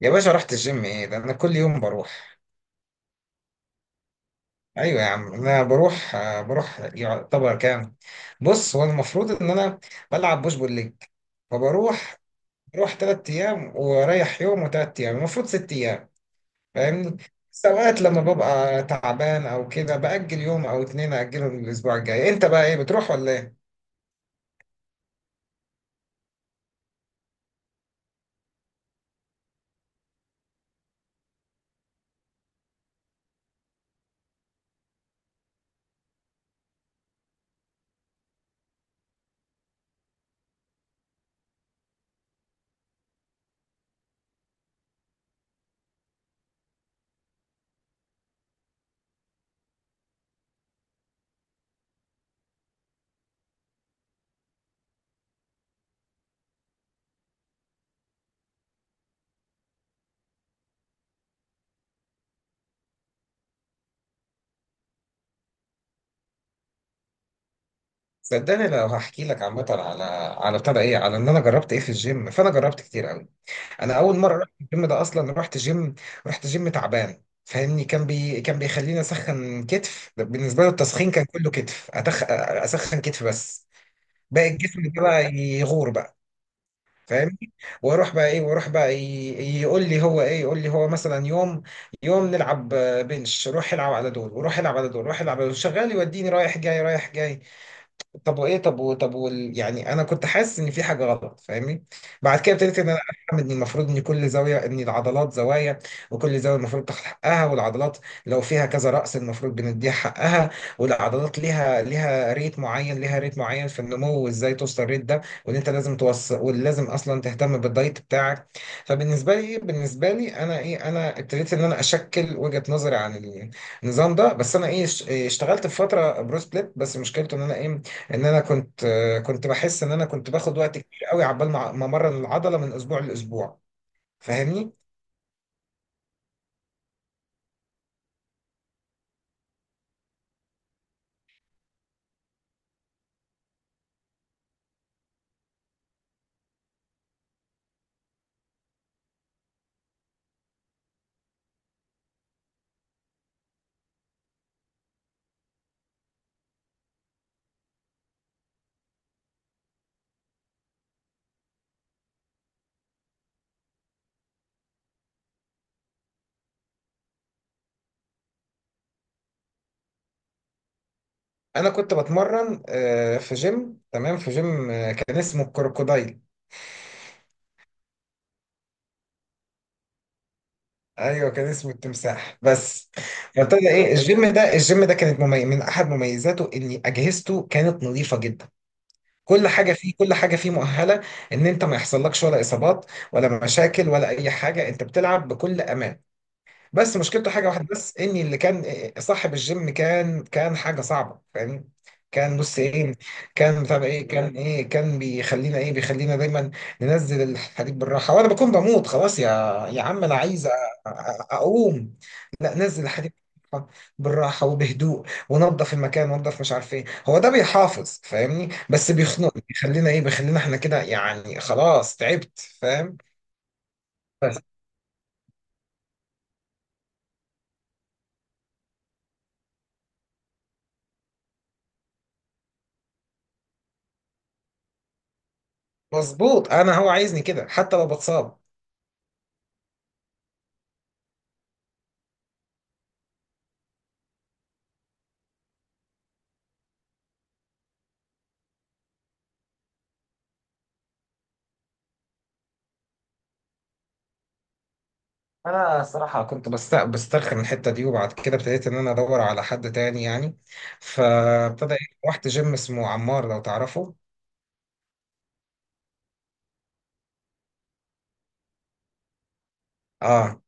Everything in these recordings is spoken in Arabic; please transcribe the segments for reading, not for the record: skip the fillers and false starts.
يا باشا، رحت الجيم؟ ايه ده، انا كل يوم بروح. ايوه يا عم، انا بروح يعتبر كام؟ بص، هو المفروض ان انا بلعب بوش بول ليج، فبروح تلات ايام واريح يوم وتلات ايام، المفروض ست ايام. فاهمني؟ بس اوقات لما ببقى تعبان او كده، باجل يوم او اتنين، اجله للاسبوع الجاي. انت بقى، ايه بتروح ولا ايه؟ صدقني، لو هحكي لك عامه على على بتاع ده ايه على ان انا جربت ايه في الجيم، فانا جربت كتير قوي. انا اول مره رحت الجيم ده اصلا، رحت جيم تعبان. فاهمني؟ كان بيخليني اسخن كتف. ده بالنسبه له، التسخين كان كله كتف. اسخن كتف بس. باقي الجسم ده بقى يغور بقى. فاهمني؟ واروح بقى يقول لي هو مثلا يوم نلعب بنش. روح العب على دول، وروح العب على دول، روح العب على دول، شغال يوديني رايح جاي رايح جاي. طب وايه طب و... طب وال... يعني انا كنت حاسس ان في حاجه غلط. فاهمني؟ بعد كده ابتديت ان انا افهم ان المفروض ان كل زاويه، ان العضلات زوايا، وكل زاويه المفروض تاخد حقها. والعضلات لو فيها كذا رأس، المفروض بنديها حقها. والعضلات ليها ريت معين في النمو، وازاي توصل الريت ده، وان انت لازم توصل، ولازم اصلا تهتم بالدايت بتاعك. فبالنسبه لي انا ابتديت ان انا اشكل وجهه نظري عن النظام ده. بس انا اشتغلت في فتره برو سبليت، بس مشكلته ان انا ايه، ان انا كنت بحس ان انا كنت باخد وقت كبير قوي عبال ما امرن العضله من اسبوع لاسبوع. فاهمني؟ انا كنت بتمرن في جيم، تمام، في جيم كان اسمه الكروكودايل. ايوه، كان اسمه التمساح بس. فابتدى ايه الجيم ده كانت من احد مميزاته ان اجهزته كانت نظيفه جدا. كل حاجه فيه مؤهله ان انت ما يحصلكش ولا اصابات، ولا مشاكل، ولا اي حاجه، انت بتلعب بكل امان. بس مشكلته حاجه واحده بس، اني اللي كان صاحب الجيم، كان حاجه صعبه. فاهمني؟ كان بص ايه كان بيخلينا دايما ننزل الحديد بالراحه. وانا بكون بموت خلاص، يا عم انا عايز اقوم. لا، نزل الحديد بالراحه وبهدوء، ونظف المكان، ونظف مش عارف ايه. هو ده بيحافظ فاهمني، بس بيخنق. بيخلينا احنا كده، يعني خلاص تعبت، فاهم؟ بس مظبوط، انا هو عايزني كده حتى لو بتصاب. انا الصراحه كنت بسترخي من الحته دي، وبعد كده ابتديت ان انا ادور على حد تاني يعني. فابتدى إيه، رحت جيم اسمه عمار، لو تعرفه. اه.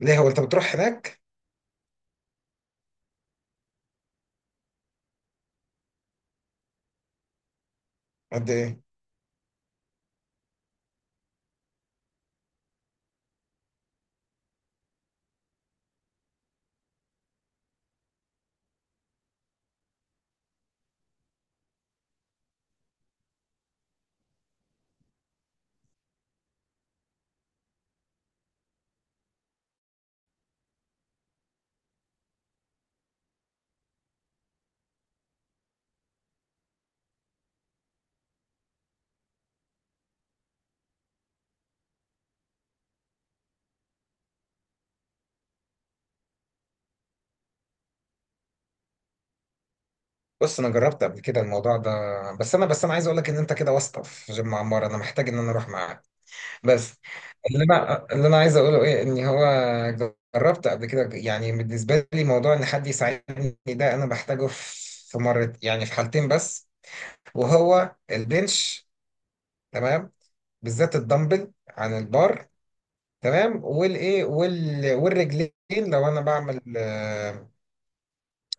ليه، هو انت بتروح هناك؟ قد ايه؟ بص انا جربت قبل كده الموضوع ده، بس انا عايز اقول لك ان انت كده واسطه في جيم عمار، انا محتاج ان انا اروح معاك. بس اللي انا عايز اقوله ايه، ان هو جربت قبل كده، يعني بالنسبه لي موضوع ان حد يساعدني ده، انا بحتاجه في مرة، يعني في حالتين بس، وهو البنش، تمام، بالذات الدمبل عن البار، تمام، والرجلين. لو انا بعمل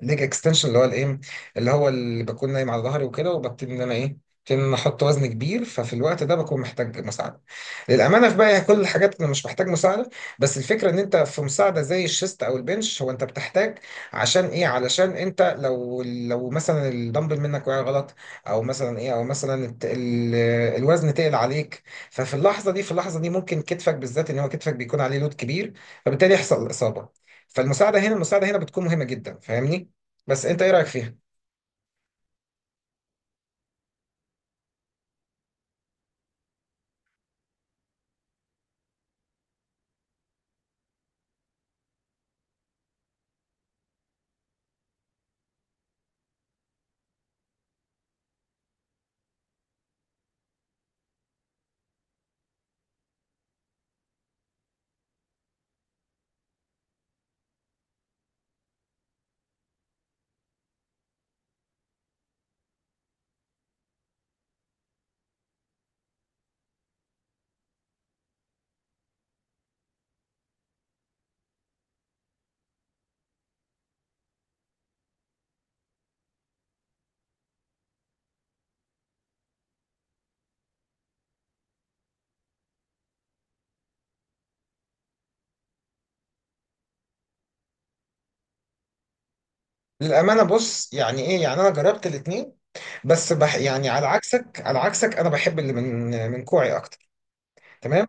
ليج اكستنشن، اللي هو اللي بكون نايم على ظهري وكده، وببتدي ان انا احط وزن كبير، ففي الوقت ده بكون محتاج مساعده. للامانه في باقي كل الحاجات انا مش محتاج مساعده. بس الفكره ان انت في مساعده زي الشيست او البنش هو انت بتحتاج، عشان ايه علشان انت لو مثلا الدمبل منك وقع غلط، او مثلا الوزن تقل عليك. ففي اللحظه دي ممكن كتفك بالذات، ان هو كتفك بيكون عليه لود كبير، فبالتالي يحصل اصابه. فالمساعده هنا بتكون مهمه جدا. فاهمني؟ بس انت ايه رايك فيها؟ للامانه بص، يعني ايه يعني انا جربت الاثنين، بس يعني، على عكسك، انا بحب اللي من كوعي اكتر. تمام.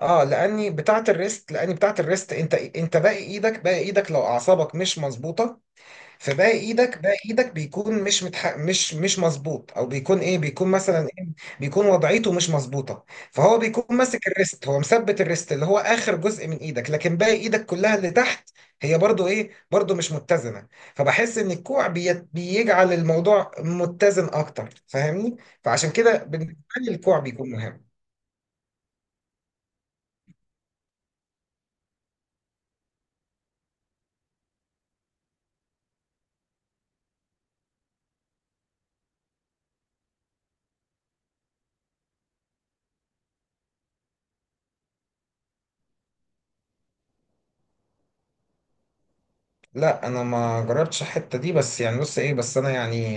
اه، لاني بتاعه الريست، انت باقي ايدك لو اعصابك مش مظبوطه، فباقي ايدك بيكون مش متح... مش مش مظبوط، او بيكون ايه بيكون مثلا ايه بيكون وضعيته مش مظبوطه. فهو بيكون ماسك الريست، هو مثبت الريست، اللي هو اخر جزء من ايدك، لكن باقي ايدك كلها اللي تحت هي برضو مش متزنه. فبحس ان الكوع بيجعل الموضوع متزن اكتر. فاهمني؟ فعشان كده بالنسبه لي الكوع بيكون مهم. لا انا ما جربتش الحته دي، بس يعني بص ايه بس انا يعني،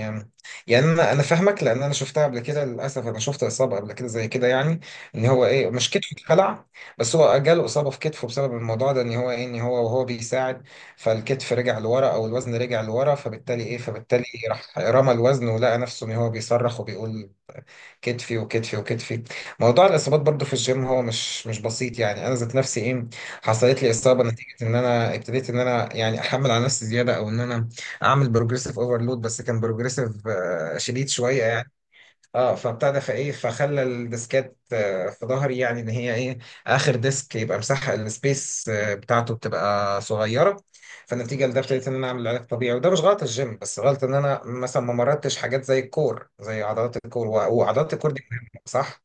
يعني انا فاهمك، لان انا شفتها قبل كده. للاسف انا شفت اصابه قبل كده زي كده يعني، ان هو مش كتفه اتخلع، بس هو جاله اصابه في كتفه بسبب الموضوع ده، ان هو وهو بيساعد، فالكتف رجع لورا، او الوزن رجع لورا، فبالتالي راح رمى الوزن، ولقى نفسه ان هو بيصرخ وبيقول كتفي وكتفي وكتفي. موضوع الاصابات برضو في الجيم هو مش بسيط. يعني انا ذات نفسي حصلت لي اصابه، نتيجه ان انا ابتديت ان انا يعني احمل على نفسي زياده، او ان انا اعمل بروجريسيف اوفرلود. بس كان بروجريسيف شديد شويه يعني. اه، فابتدى فايه فخلى الديسكات في ظهري، يعني ان هي ايه، اخر ديسك يبقى مساحه السبيس بتاعته بتبقى صغيره. فنتيجه لده ابتديت ان انا اعمل علاج طبيعي، وده مش غلط الجيم، بس غلط ان انا مثلا ما مردتش حاجات زي الكور، زي عضلات الكور، وعضلات الكور دي مهمة، صح؟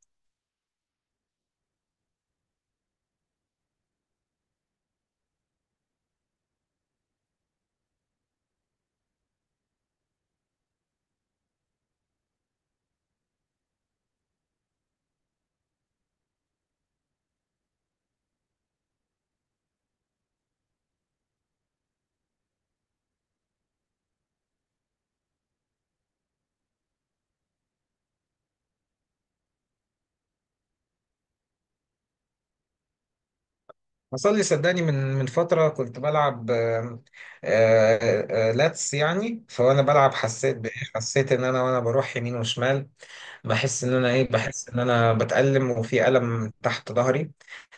حصل لي صدقني من فتره، كنت بلعب لاتس يعني، فوانا بلعب حسيت ان انا وانا بروح يمين وشمال، بحس ان انا بتألم، وفي ألم تحت ظهري.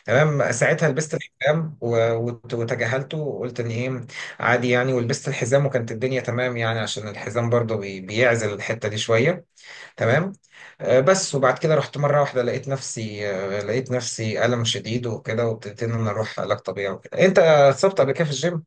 تمام، ساعتها لبست الحزام، وتجاهلته، وقلت ان عادي يعني، ولبست الحزام، وكانت الدنيا تمام يعني، عشان الحزام برضه بيعزل الحتة دي شوية. تمام. بس وبعد كده رحت مرة واحدة، لقيت نفسي ألم شديد وكده، وابتديت ان انا اروح علاج طبيعي وكده. انت اتصبت قبل كده في الجيم؟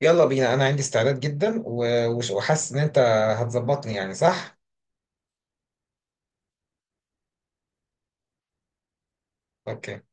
يلا بينا، انا عندي استعداد جدا، وحاسس ان انت هتظبطني، يعني صح؟ اوكي.